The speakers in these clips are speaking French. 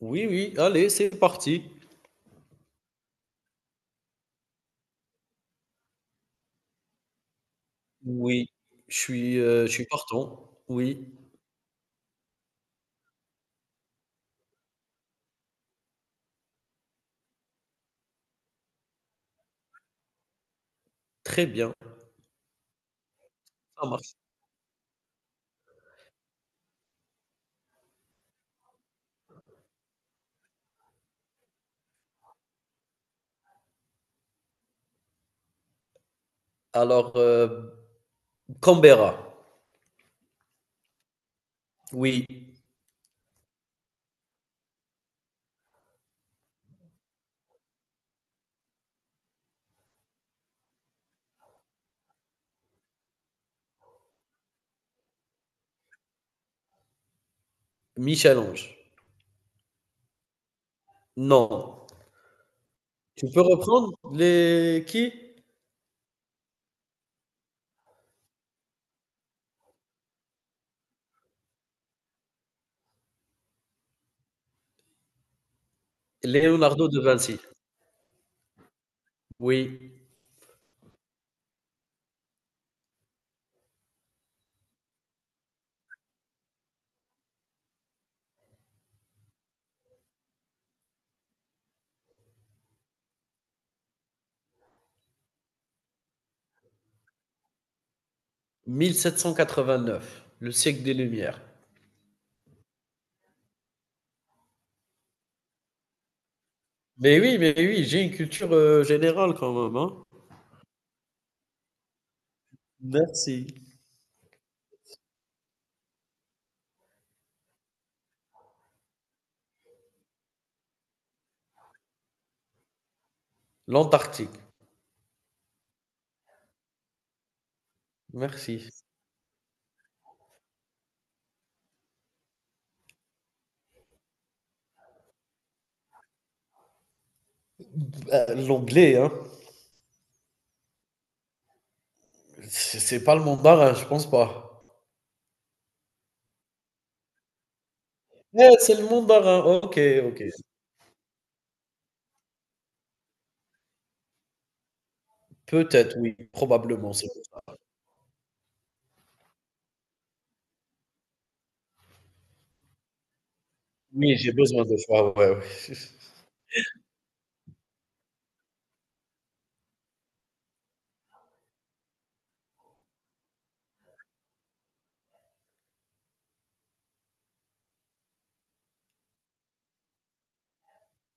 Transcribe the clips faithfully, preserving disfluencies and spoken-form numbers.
Oui, oui, allez, c'est parti. Oui, je suis, heu, je suis partant. Oui, très bien, ça marche. Alors, heu, Canberra. Oui. Michel-Ange. Non. Tu peux reprendre les qui? Leonardo de Vinci. Oui. Mille sept cent quatre-vingt-neuf, le siècle des Lumières. Mais oui, mais oui, j'ai une culture, heu, générale quand même, hein. Merci. L'Antarctique, merci. Bah, l'anglais, hein. C'est c'est pas le mandarin, je pense pas. Eh, c'est le mandarin. OK, OK. Peut-être, oui, probablement, c'est pour ça. Oui, j'ai besoin de choix, ouais, ouais.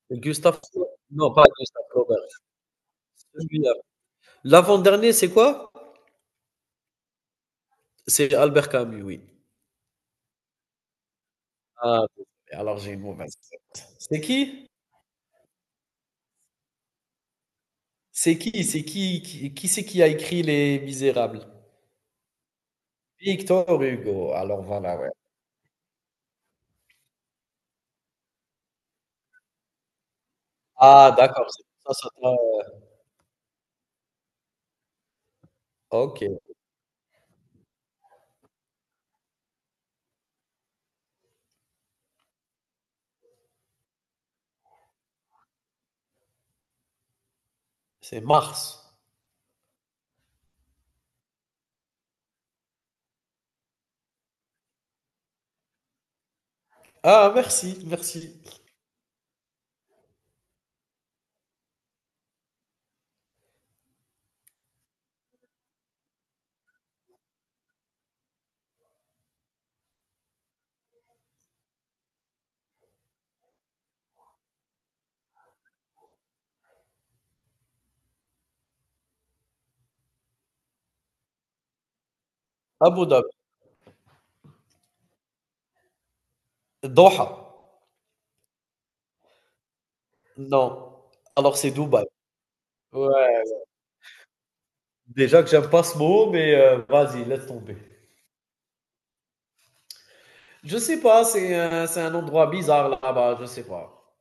Gustave. Non, pas Gustave Flaubert, celui-là. L'avant-dernier, c'est quoi? C'est Albert Camus, oui. Ah, alors j'ai une mauvaise. C'est qui? C'est qui? C'est qui? Qui, qui c'est qui a écrit Les Misérables? Victor Hugo. Alors voilà, ouais. Ah, d'accord, c'est pour ça, ça t'a- OK, c'est Mars. Ah, merci, merci. Abu Dhabi. Doha. Non, alors c'est Dubaï. Ouais, déjà que j'aime pas ce mot, mais heu, vas-y, laisse tomber. Je sais pas, c'est un c'est un endroit bizarre là-bas, je sais pas.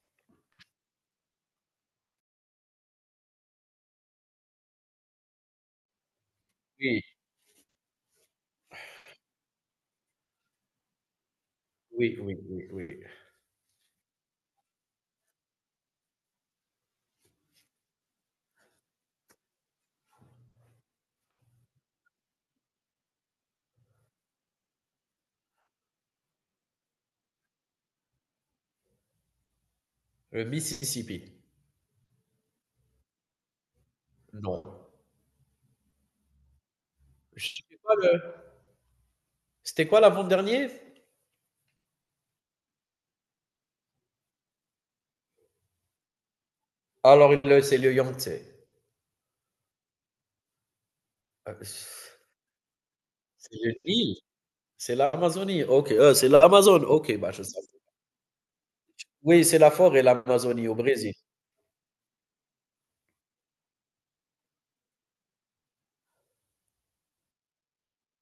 Oui, oui, oui, oui, oui. Le Mississippi. Non. Je sais pas, le c'était quoi l'avant-dernier? Alors le c'est le Yangtze. Heu, c'est le Nil? C'est l'Amazonie? OK, heu, c'est l'Amazone? OK, bah, je sais. Oui, c'est la forêt, l'Amazonie au Brésil.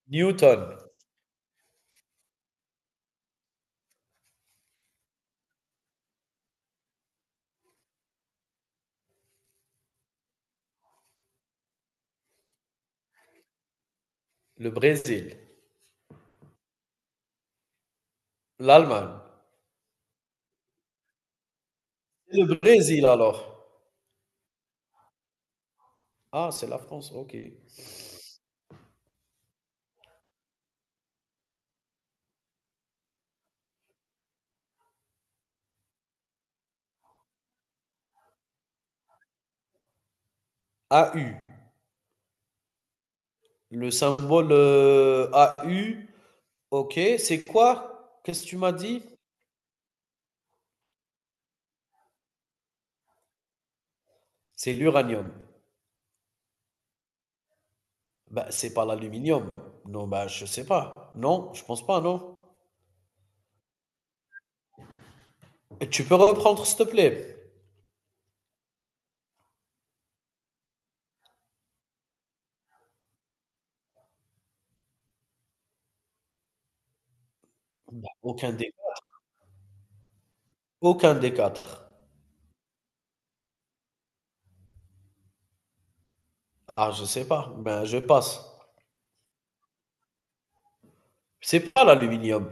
Newton, le Brésil, l'Allemagne. Le Brésil alors. Ah, c'est la France, ok. A U, le symbole euh, A U, ok, c'est quoi? Qu'est-ce que tu m'as dit? C'est l'uranium. Bah, c'est pas l'aluminium. Non, bah, je sais pas. Non, je pense pas, non. Et tu peux reprendre, s'il te plaît? Bah, aucun des, Aucun des quatre. Ah, je sais pas. Ben, je passe. C'est pas l'aluminium.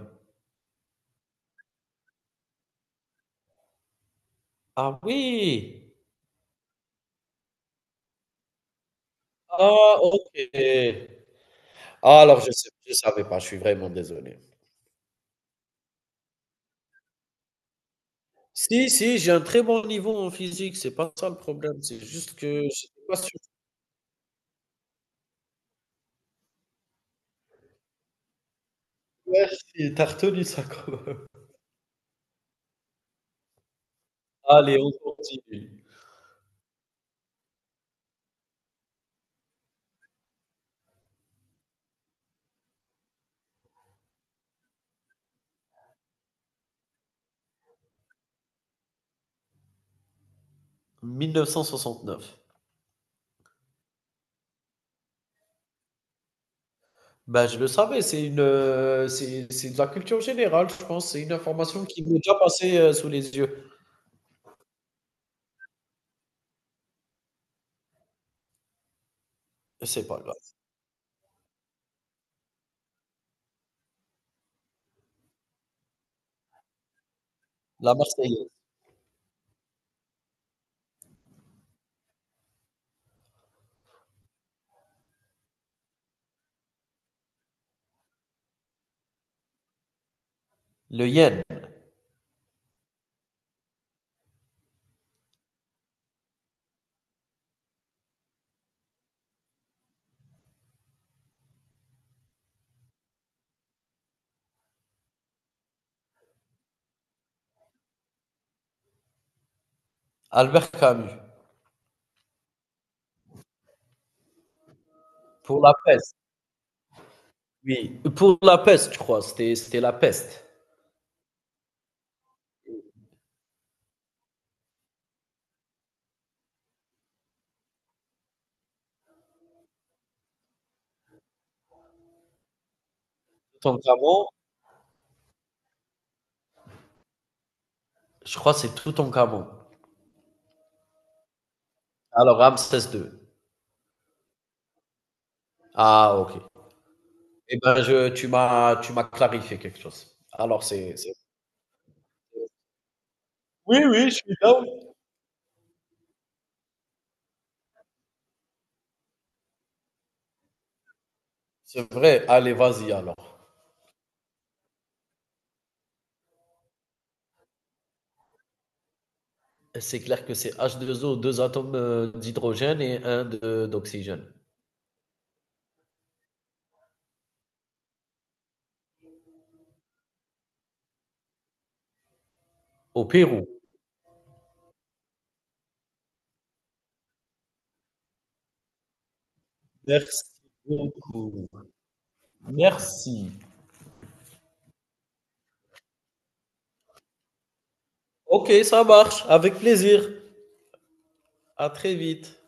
Ah oui. Ah, ok. Ah, alors, je sais, je savais pas. Je suis vraiment désolé. Si, si, j'ai un très bon niveau en physique, c'est pas ça le problème, c'est juste que j'étais pas sûr. Merci, tu retenu ça quand même. Allez, on continue. mille neuf cent soixante-neuf. Ben, je le savais, c'est une, heu, c'est c'est de la culture générale, je pense, c'est une information qui m'est déjà passée, heu, sous les yeux. C'est pas grave. La Marseillaise, le Yen, Albert Camus, pour la peste, oui, pour la peste, je crois, c'était c'était la peste. Toutankhamon, je crois que c'est Toutankhamon. Alors Ramsès deux. Ah OK. Eh ben, je, tu m'as, tu m'as clarifié quelque chose. Alors, c'est, c'est- Oui, oui, je suis down. C'est vrai. Allez, vas-y alors. C'est clair que c'est H deux O, deux O, deux atomes euh, d'hydrogène et un de- d'oxygène. Au Pérou. Merci beaucoup. Merci. Ok, ça marche. Avec plaisir. À très vite.